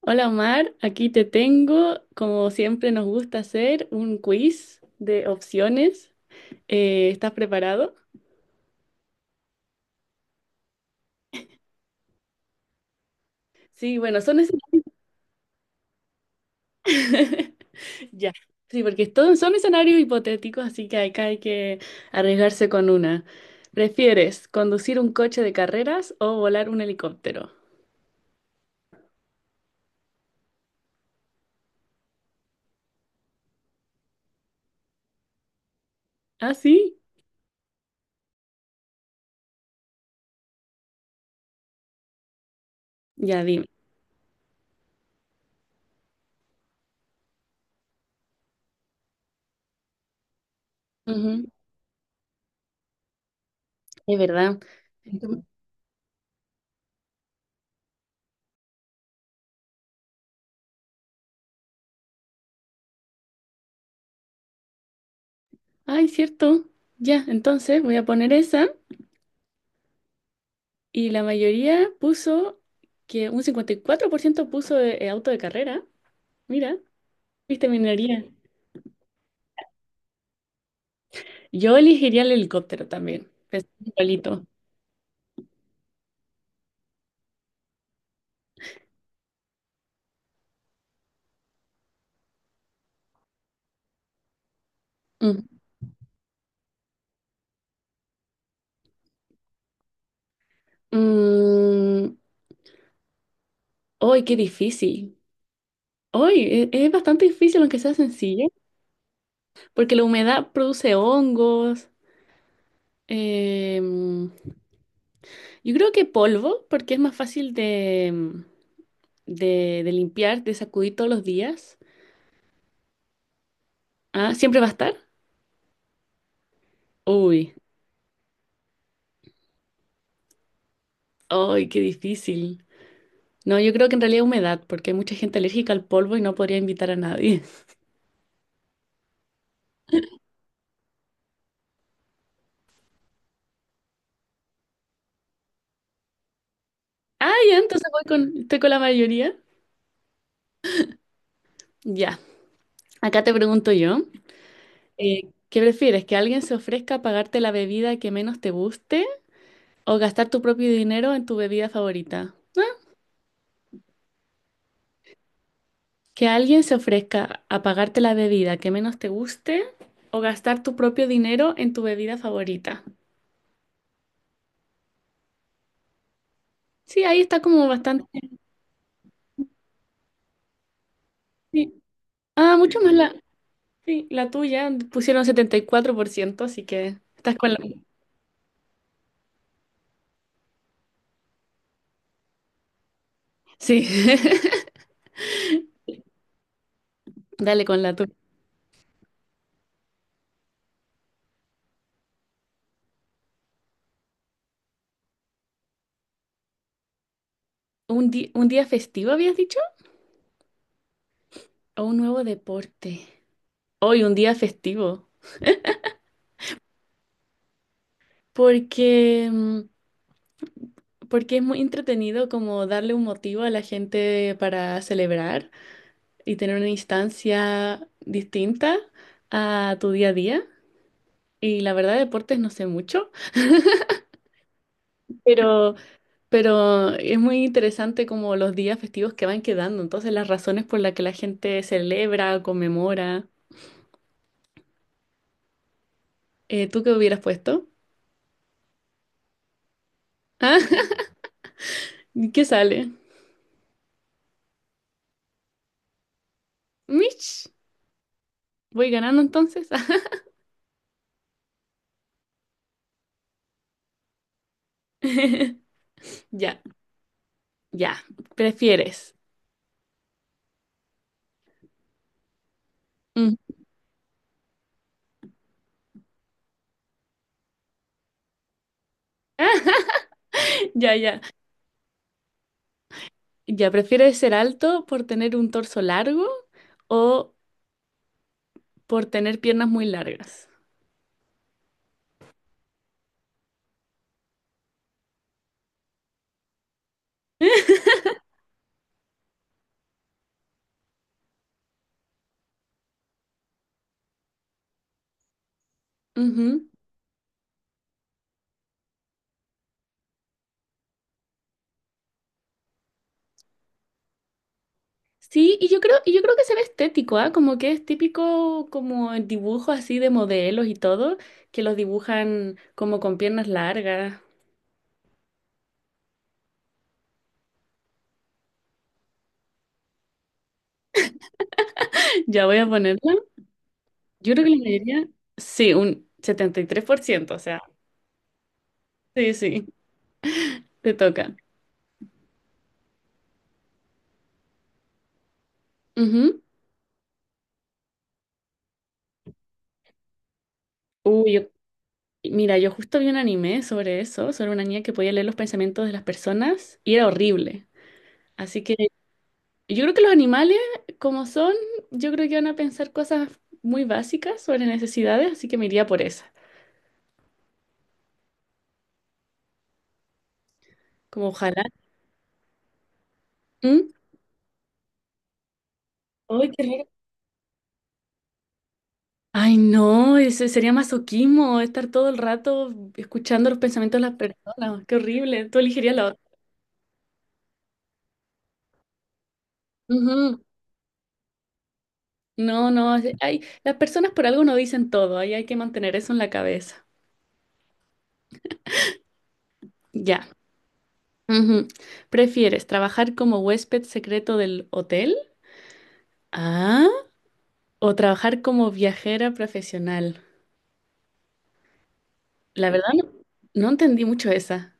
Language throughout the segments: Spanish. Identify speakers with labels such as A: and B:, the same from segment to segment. A: Hola Omar, aquí te tengo, como siempre nos gusta hacer, un quiz de opciones. ¿Estás preparado? Sí, bueno, son escenarios. Ya, sí, porque todos son escenarios hipotéticos, así que acá hay que arriesgarse con una. ¿Prefieres conducir un coche de carreras o volar un helicóptero? ¿Ah, sí? Ya dime. Ujú. Es verdad. Entonces- Ay, cierto. Ya, entonces voy a poner esa. Y la mayoría puso que un 54% puso auto de carrera. Mira, viste minería. Yo elegiría el helicóptero también, pensando igualito. Mm. Mm, ¡ay, qué difícil! ¡Ay, es bastante difícil, aunque sea sencillo, porque la humedad produce hongos. em, yo creo que polvo, porque es más fácil de limpiar, de sacudir todos los días. Ah, ¿siempre va a estar? Uy, ¡ay, qué difícil! No, yo creo que en realidad humedad, porque hay mucha gente alérgica al polvo y no podría invitar a nadie. Ah, ya, entonces voy con, estoy con la mayoría. Ya, acá te pregunto yo, ¿qué prefieres? ¿Que alguien se ofrezca a pagarte la bebida que menos te guste o gastar tu propio dinero en tu bebida favorita? ¿Que alguien se ofrezca a pagarte la bebida que menos te guste o gastar tu propio dinero en tu bebida favorita? Sí, ahí está como bastante... Sí. Ah, mucho más la, sí, la tuya, pusieron 74%, así que estás con la... Sí, dale con la tuya. ¿Un un día festivo habías dicho? ¿O un nuevo deporte? Hoy, un día festivo. Porque, mm, porque es muy entretenido como darle un motivo a la gente para celebrar y tener una instancia distinta a tu día a día. Y la verdad, deportes no sé mucho, pero, pero es muy interesante como los días festivos que van quedando. Entonces, las razones por las que la gente celebra, conmemora. ¿Tú qué hubieras puesto? ¿Y qué sale? Mitch, voy ganando entonces. Ya, ya. ¿Prefieres? Mm. Ya, ya. Ya, ¿prefieres ser alto por tener un torso largo o por tener piernas muy largas? Ujú. Sí, y yo creo que será estético, ¿ah? Como que es típico como en dibujos así de modelos y todo, que los dibujan como con piernas largas. Ya voy a ponerla. Yo creo que la mayoría, sí, un 73%. O sea, sí, sí, te toca. Ujú. Uy, mira, yo justo vi un anime sobre eso, sobre una niña que podía leer los pensamientos de las personas y era horrible. Así que yo creo que los animales, como son, yo creo que van a pensar cosas muy básicas sobre necesidades, así que me iría por esa. Como ojalá. ¿Mm? Ay, qué raro. Ay, no, ese sería masoquismo, estar todo el rato escuchando los pensamientos de las personas. Qué horrible. Tú elegirías la otra. Ujú. No, no, hay, las personas por algo no dicen todo, ahí hay que mantener eso en la cabeza. Ya. Ujú. ¿Prefieres trabajar como huésped secreto del hotel? Ah, ¿o trabajar como viajera profesional? La verdad no, no entendí mucho esa.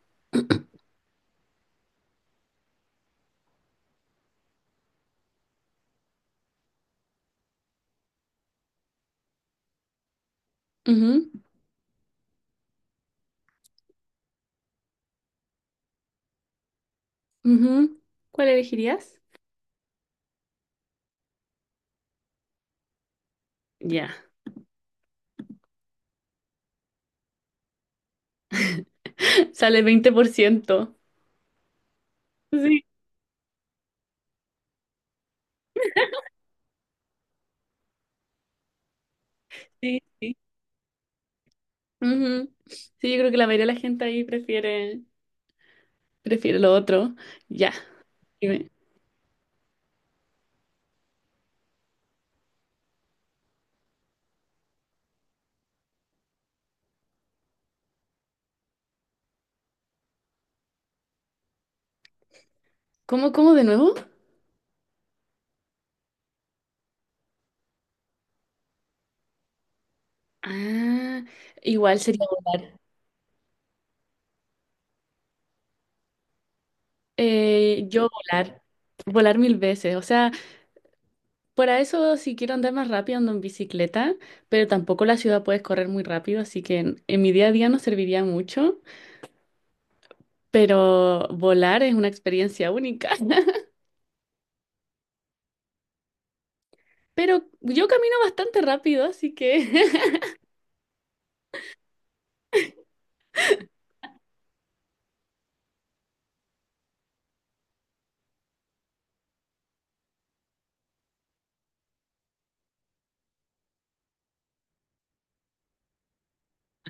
A: Ujú, ujú. ¿Cuál elegirías? Ya. Sale 20%. Sí, sí, sí. Ujú. Sí, yo creo que la mayoría de la gente ahí prefiere lo otro. Ya. Dime. ¿Cómo, cómo de nuevo? Ah, igual sería volar. Yo volar. Volar mil veces. O sea, para eso, si quiero andar más rápido, ando en bicicleta, pero tampoco la ciudad puedes correr muy rápido, así que en mi día a día no serviría mucho, pero volar es una experiencia única. Pero yo camino bastante rápido, así que...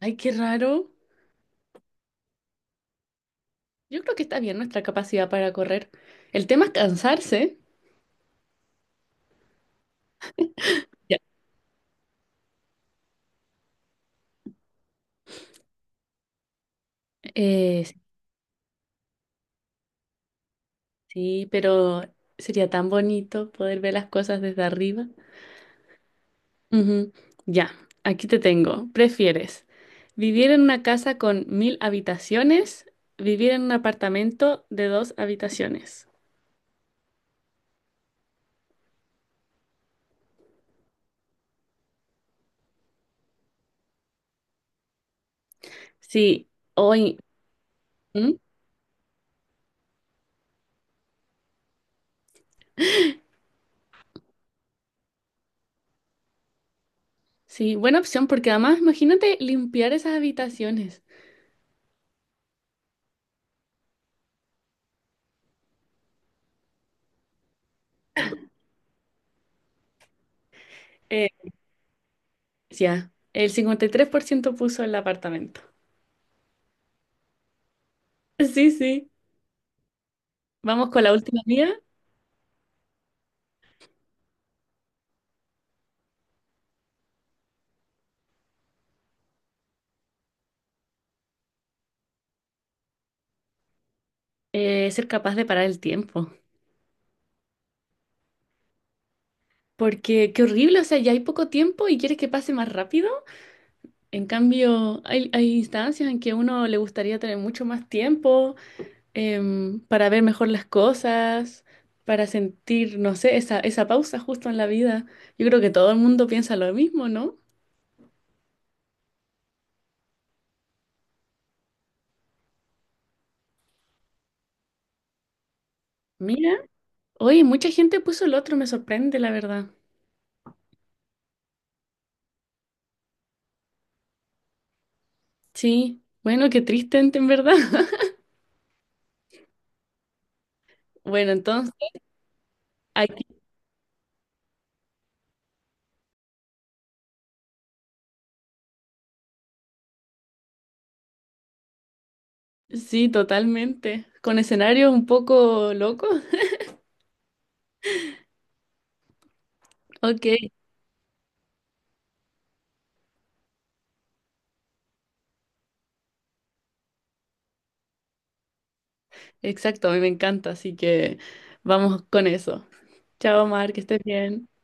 A: Ay, qué raro. Yo creo que está bien nuestra capacidad para correr. El tema es cansarse. Ya. Eh, sí, pero sería tan bonito poder ver las cosas desde arriba. Ujú. Ya, aquí te tengo. ¿Prefieres vivir en una casa con mil habitaciones, vivir en un apartamento de dos habitaciones? Sí, hoy. ¿Mm? Sí, buena opción porque además imagínate limpiar esas habitaciones. Eh, ya, el 53% puso el apartamento. Sí, sí. Vamos con la última mía. Ser capaz de parar el tiempo. Porque qué horrible, o sea, ya hay poco tiempo y quieres que pase más rápido. En cambio, hay instancias en que uno le gustaría tener mucho más tiempo para ver mejor las cosas, para sentir, no sé, esa pausa justo en la vida. Yo creo que todo el mundo piensa lo mismo, ¿no? Mira, oye, mucha gente puso el otro, me sorprende, la verdad. Sí, bueno, qué triste en verdad. Bueno, entonces, aquí sí, totalmente. Con escenarios un poco locos. Ok, exacto, a mí me encanta, así que vamos con eso. Chao, Mar, que estés bien.